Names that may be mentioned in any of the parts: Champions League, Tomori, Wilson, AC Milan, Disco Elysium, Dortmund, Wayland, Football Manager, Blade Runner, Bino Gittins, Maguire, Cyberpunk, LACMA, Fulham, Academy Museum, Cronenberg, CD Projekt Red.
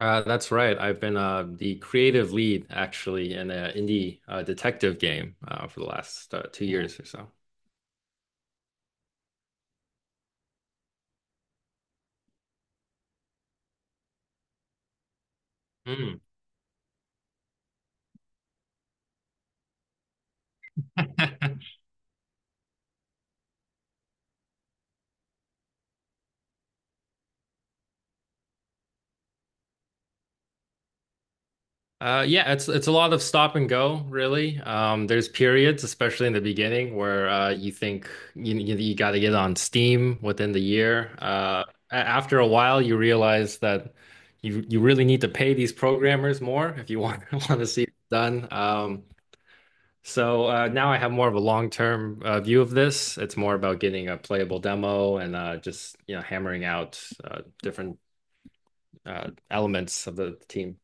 That's right. I've been the creative lead actually in an indie detective game for the last 2 years or so. Mm. Yeah, it's a lot of stop and go, really. There's periods, especially in the beginning, where you think you got to get on Steam within the year. After a while, you realize that you really need to pay these programmers more if you want want to see it done. So now I have more of a long-term view of this. It's more about getting a playable demo and just hammering out different elements of the team.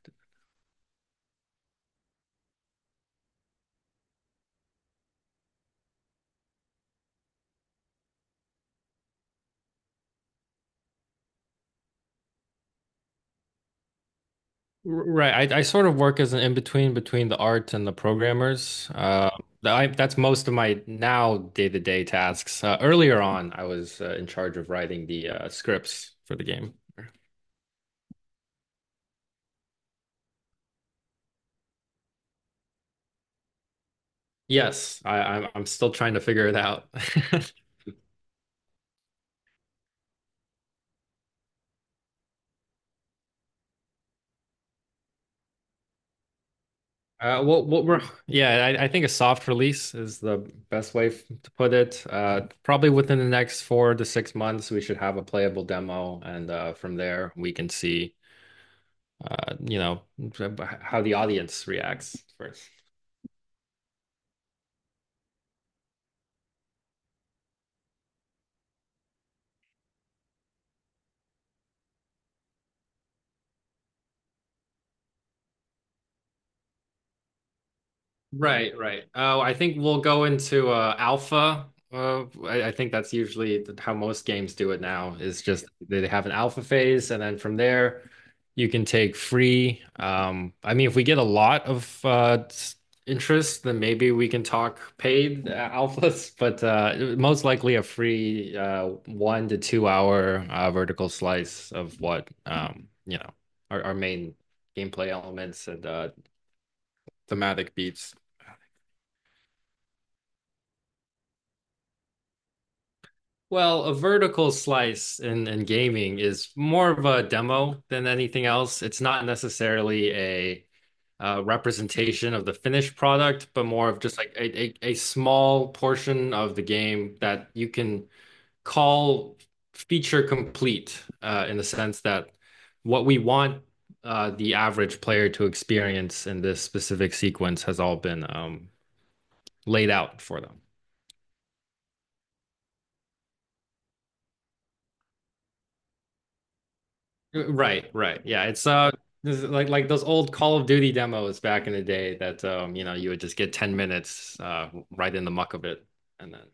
Right. I sort of work as an in-between between the art and the programmers. That's most of my now day-to-day tasks. Earlier on, I was in charge of writing the scripts for the game. Yes, I'm still trying to figure it out. Well, what we're yeah, I think a soft release is the best way to put it. Probably within the next 4 to 6 months, we should have a playable demo, and from there we can see, you know, how the audience reacts first. Right, right. Oh, I think we'll go into alpha. I think that's usually how most games do it now, is just they have an alpha phase, and then from there you can take free. I mean, if we get a lot of interest, then maybe we can talk paid alphas, but most likely a free 1 to 2 hour vertical slice of what our main gameplay elements and thematic beats. Well, a vertical slice in gaming is more of a demo than anything else. It's not necessarily a representation of the finished product, but more of just like a small portion of the game that you can call feature complete in the sense that what we want the average player to experience in this specific sequence has all been laid out for them. Right, right. Yeah, it's This is like those old Call of Duty demos back in the day that you would just get 10 minutes right in the muck of it and then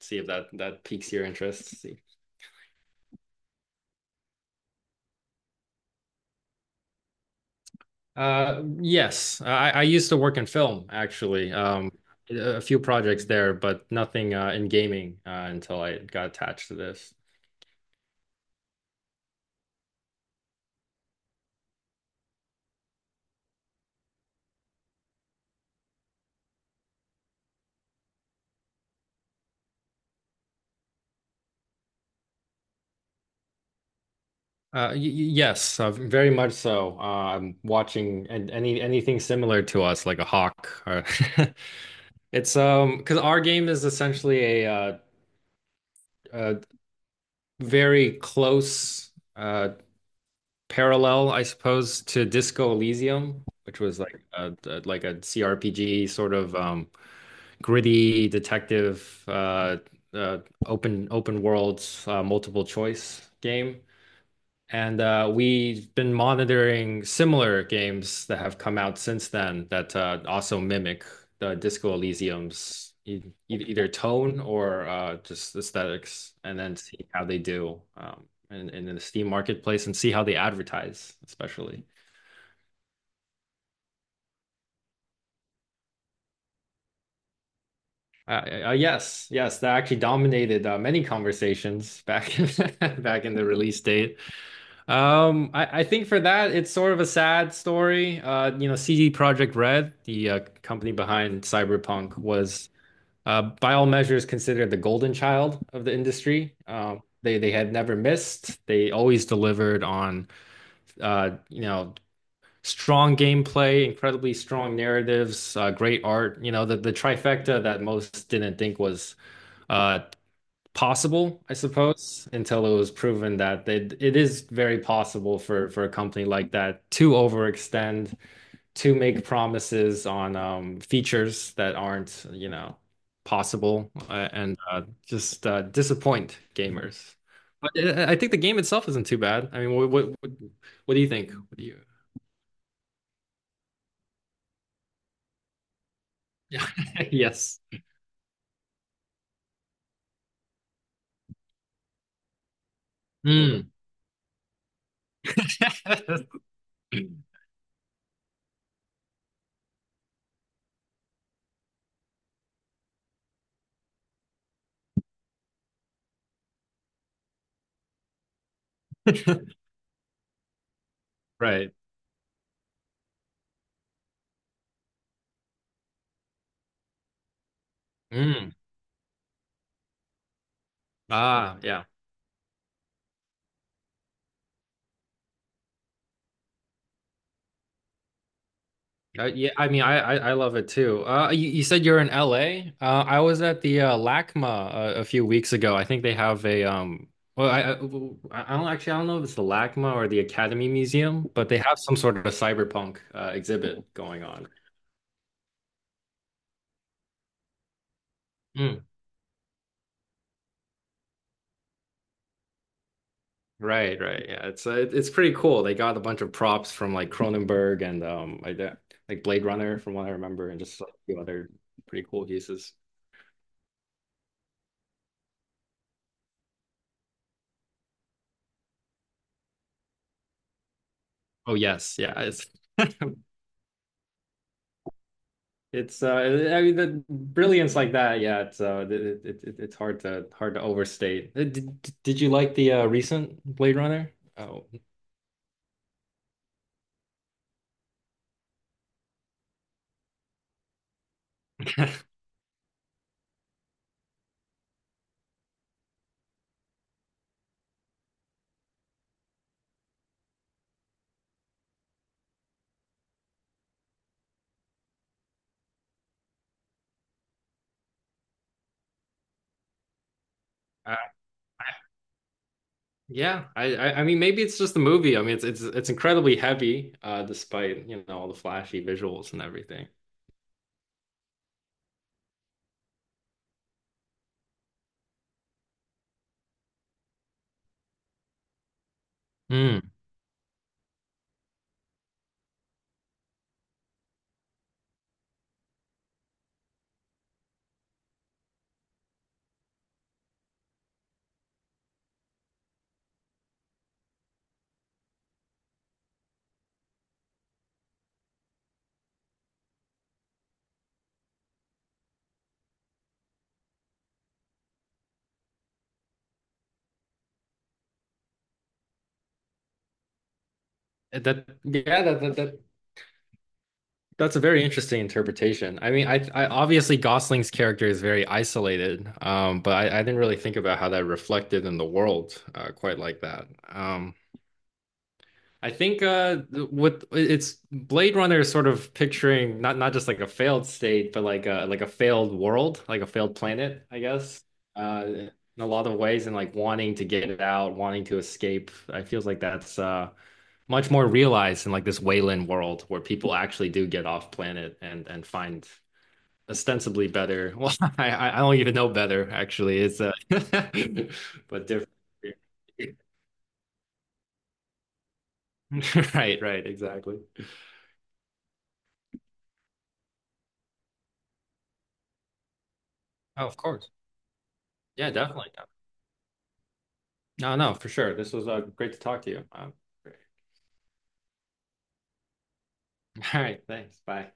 see if that piques your interest. See. Yes, I used to work in film actually. A few projects there but nothing in gaming until I got attached to this. Yes, very much so. I'm watching and any anything similar to us like a hawk or it's because our game is essentially a very close uh parallel, I suppose, to Disco Elysium, which was like a CRPG sort of gritty detective uh open world, multiple choice game. And we've been monitoring similar games that have come out since then that also mimic the Disco Elysium's either tone or just aesthetics, and then see how they do in the Steam marketplace and see how they advertise, especially. Yes, that actually dominated many conversations back in, back in the release date. I think for that it's sort of a sad story. You know, CD Projekt Red, the company behind Cyberpunk, was by all measures considered the golden child of the industry. They had never missed. They always delivered on, uh, you know, strong gameplay, incredibly strong narratives, great art. You know, the trifecta that most didn't think was uh possible, I suppose, until it was proven that it is very possible for a company like that to overextend, to make promises on features that aren't, you know, possible, and just disappoint gamers. But I think the game itself isn't too bad. I mean, what do you think? What do you? Yeah. Yes. Mm. Right. Mm. Ah, yeah. Yeah, I mean, I love it too. You said you're in LA. I was at the LACMA a few weeks ago. I think they have a Well, I don't actually I don't know if it's the LACMA or the Academy Museum, but they have some sort of a cyberpunk exhibit going on. Mm, right, right. Yeah, it's pretty cool. They got a bunch of props from like Cronenberg and like that, like Blade Runner from what I remember, and just like, a few other pretty cool pieces. Oh yes, yeah. It's It's I mean the brilliance like that, yeah. It's it's hard to overstate. Did you like the recent Blade Runner? Oh, uh, yeah. I mean maybe it's just the movie. I mean it's incredibly heavy, despite you know all the flashy visuals and everything. Hmm. That, that's a very interesting interpretation. I mean I obviously Gosling's character is very isolated, but I didn't really think about how that reflected in the world quite like that. Um. I think with it's Blade Runner is sort of picturing not just like a failed state, but like a failed world, like a failed planet, I guess. In A lot of ways and like wanting to get it out, wanting to escape. I feels like that's much more realized in like this Wayland world where people actually do get off planet and find ostensibly better. Well, I don't even know better actually. It's but different. Right, right, exactly. Oh, of course. Yeah, definitely. No, no, for sure. This was great to talk to you. Great. All right, thanks. Bye.